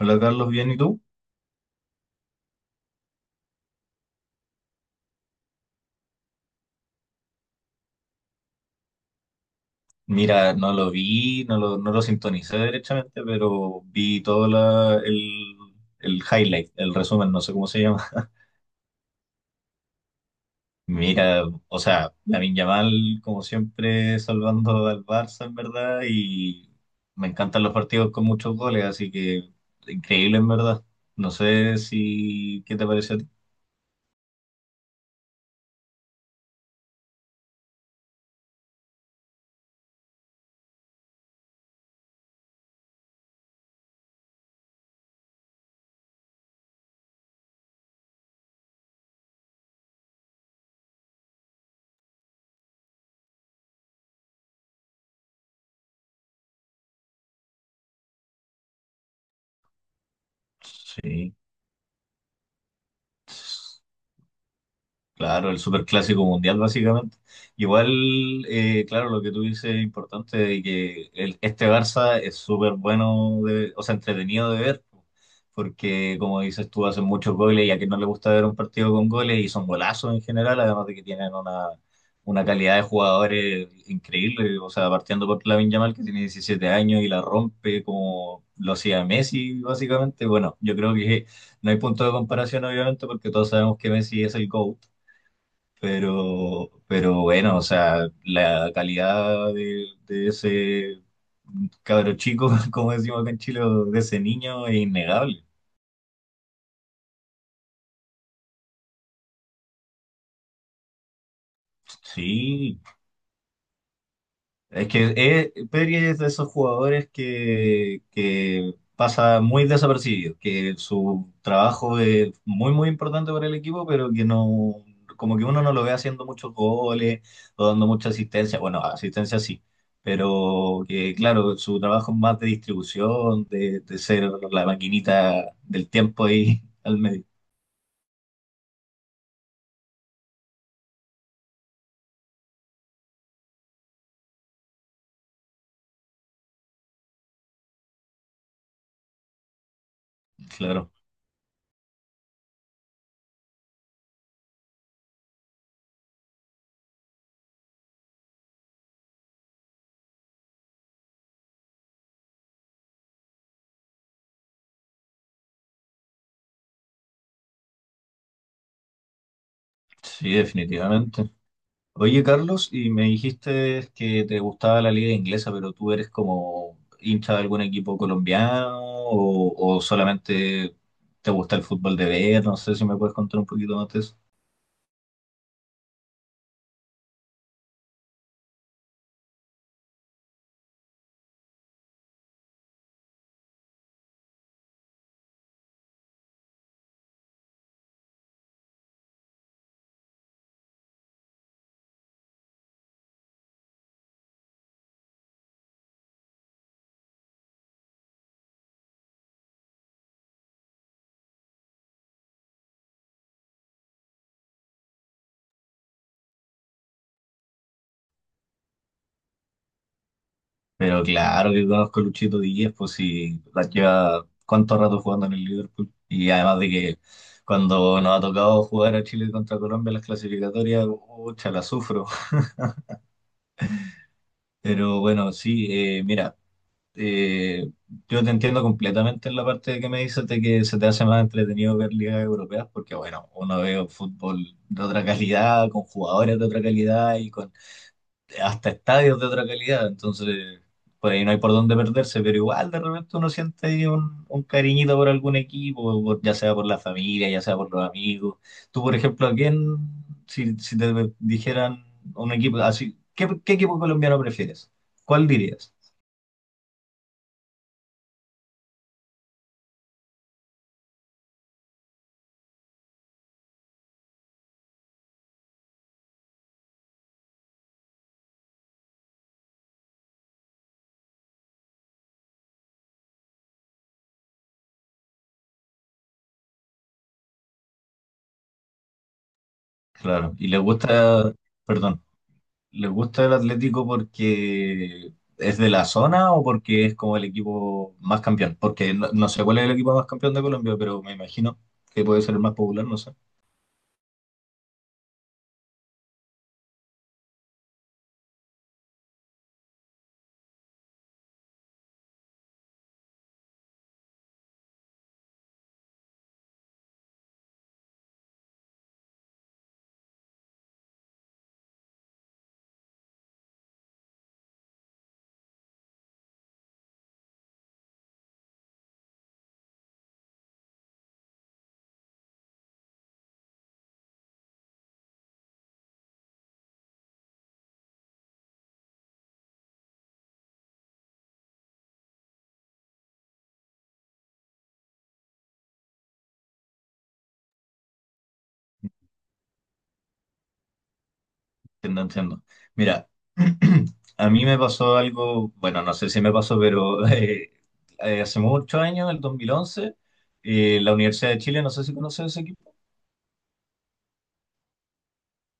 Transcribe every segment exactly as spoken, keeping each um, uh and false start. Hola Carlos, ¿bien y tú? Mira, no lo vi, no lo, no lo sintonicé derechamente, pero vi todo la- el, el highlight, el resumen, no sé cómo se llama. Mira, o sea, Lamine Yamal, como siempre, salvando al Barça, en verdad, y me encantan los partidos con muchos goles, así que increíble, en verdad. No sé si, ¿qué te pareció a ti? Sí. Claro, el superclásico mundial básicamente. Igual, eh, claro, lo que tú dices es importante de que el- este Barça es súper bueno, de- o sea, entretenido de ver, porque como dices tú, hacen muchos goles y a quien no le gusta ver un partido con goles y son golazos en general, además de que tienen una, una calidad de jugadores increíble, o sea, partiendo por Lamine Yamal que tiene diecisiete años y la rompe como lo hacía Messi básicamente. Bueno, yo creo que no hay punto de comparación obviamente porque todos sabemos que Messi es el GOAT, pero, pero bueno, o sea, la calidad de, de ese cabro chico, como decimos acá en Chile, o de ese niño es innegable. Sí. Es que eh, Pedri es de esos jugadores que, que pasa muy desapercibido, que su trabajo es muy, muy importante para el equipo, pero que no, como que uno no lo ve haciendo muchos goles o dando mucha asistencia. Bueno, asistencia sí, pero que claro, su trabajo es más de distribución, de, de ser la maquinita del tiempo ahí al medio. Claro, sí, definitivamente. Oye, Carlos, y me dijiste que te gustaba la liga inglesa, pero tú eres como hincha de algún equipo colombiano o, o solamente te gusta el fútbol de ver, no sé si me puedes contar un poquito más de eso. Pero claro que conozco a Luchito Díaz, pues sí, la lleva cuánto rato jugando en el Liverpool. Y además de que cuando nos ha tocado jugar a Chile contra Colombia en las clasificatorias, ucha, la sufro. Pero bueno, sí, eh, mira. eh, yo te entiendo completamente en la parte que me dices de que se te hace más entretenido ver ligas europeas, porque bueno, uno ve fútbol de otra calidad, con jugadores de otra calidad y con hasta estadios de otra calidad, entonces por ahí no hay por dónde perderse, pero igual de repente uno siente ahí un, un cariñito por algún equipo, por- ya sea por la familia, ya sea por los amigos. Tú, por ejemplo, ¿a quién, si, si te dijeran un equipo así, ¿qué, qué equipo colombiano prefieres? ¿Cuál dirías? Claro, y le gusta, perdón, ¿le gusta el Atlético porque es de la zona o porque es como el equipo más campeón? Porque no, no sé cuál es el equipo más campeón de Colombia, pero me imagino que puede ser el más popular, no sé, entiendo, entiendo. Mira, a mí me pasó algo, bueno, no sé si me pasó, pero eh, eh, hace muchos años, en el dos mil once, eh, la Universidad de Chile, no sé si conoces ese equipo.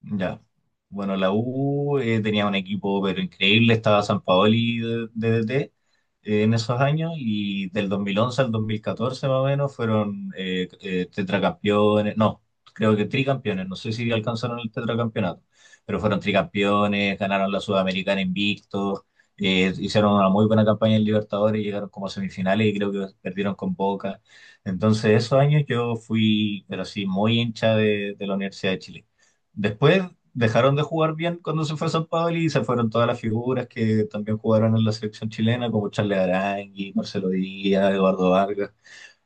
Ya. Bueno, la U eh, tenía un equipo pero increíble, estaba Sampaoli de de D T eh, en esos años y del dos mil once al dos mil catorce más o menos fueron eh, eh, tetracampeones, no, creo que tricampeones, no sé si alcanzaron el tetracampeonato, pero fueron tricampeones, ganaron la Sudamericana invictos, eh, hicieron una muy buena campaña en Libertadores, llegaron como a semifinales y creo que perdieron con Boca. Entonces esos años yo fui, pero sí, muy hincha de de la Universidad de Chile. Después dejaron de jugar bien cuando se fue a San Paoli y se fueron todas las figuras que también jugaron en la selección chilena, como Charles Arangui, Marcelo Díaz, Eduardo Vargas.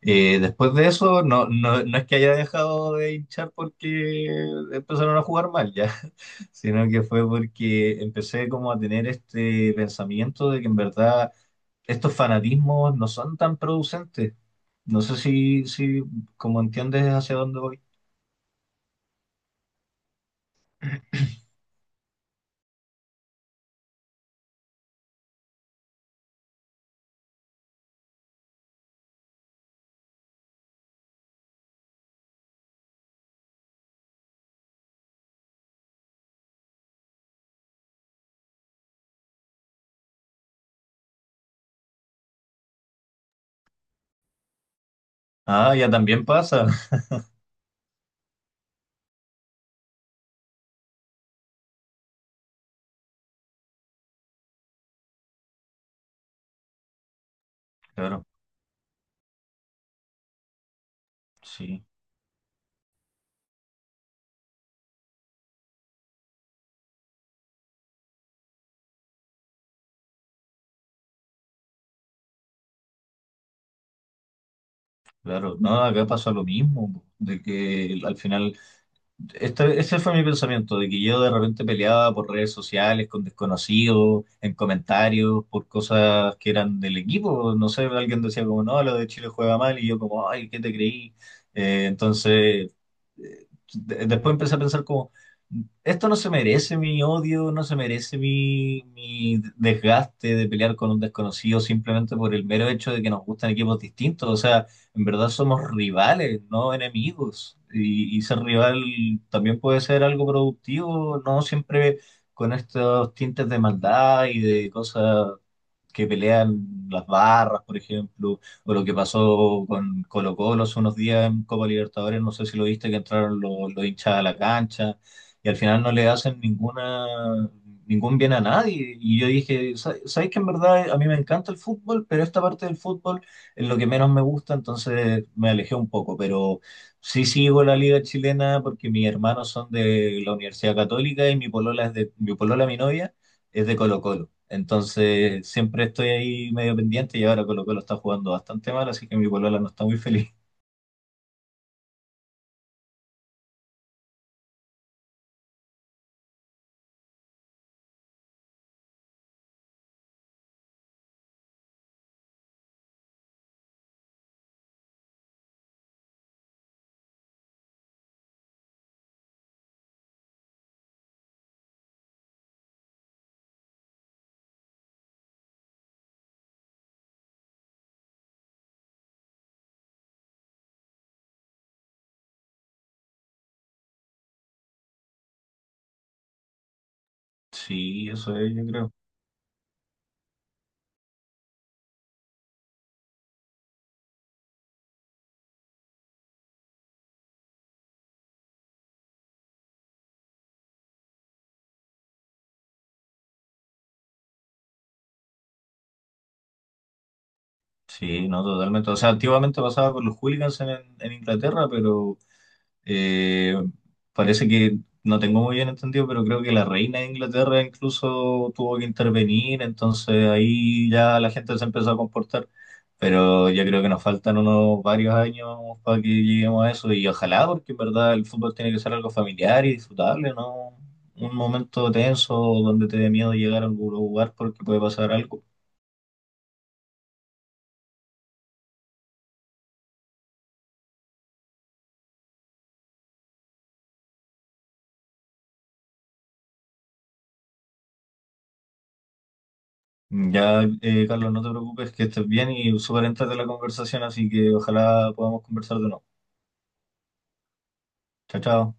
Eh, después de eso, no, no, no es que haya dejado de hinchar porque empezaron a jugar mal ya, sino que fue porque empecé como a tener este pensamiento de que en verdad estos fanatismos no son tan producentes. No sé si, si como entiendes hacia dónde voy. Ah, ya también pasa. Claro, sí. Claro, no, acá pasa lo mismo, po, de que al final, este, ese fue mi pensamiento, de que yo de repente peleaba por redes sociales con desconocidos, en comentarios, por cosas que eran del equipo, no sé, alguien decía como, no, lo de Chile juega mal, y yo como, ay, ¿qué te creí? Eh, entonces, eh, de- Después empecé a pensar como, esto no se merece mi odio, no se merece mi, mi desgaste de pelear con un desconocido simplemente por el mero hecho de que nos gustan equipos distintos, o sea en verdad somos rivales, no enemigos. Y, y ser rival también puede ser algo productivo, no siempre con estos tintes de maldad y de cosas que pelean las barras, por ejemplo, o lo que pasó con Colo-Colo hace unos días en Copa Libertadores, no sé si lo viste, que entraron los, los hinchas a la cancha y al final no le hacen ninguna, ningún bien a nadie. Y yo dije, "Sa- ¿sabes que en verdad a mí me encanta el fútbol, pero esta parte del fútbol es lo que menos me gusta, entonces me alejé un poco, pero... Sí sigo la liga chilena porque mis hermanos son de la Universidad Católica y mi polola es de mi polola, mi novia, es de Colo-Colo. Entonces siempre estoy ahí medio pendiente y ahora Colo-Colo está jugando bastante mal, así que mi polola no está muy feliz. Sí, eso es, yo creo. Sí, no, totalmente. O sea, antiguamente pasaba con los hooligans en, en Inglaterra, pero Eh, parece que no tengo muy bien entendido, pero creo que la reina de Inglaterra incluso tuvo que intervenir, entonces ahí ya la gente se empezó a comportar. Pero yo creo que nos faltan unos varios años para que lleguemos a eso y ojalá, porque en verdad el fútbol tiene que ser algo familiar y disfrutable, no un momento tenso donde te dé miedo llegar a algún lugar porque puede pasar algo. Ya, eh, Carlos, no te preocupes, que estés bien y súper de la conversación, así que ojalá podamos conversar de nuevo. Chao, chao.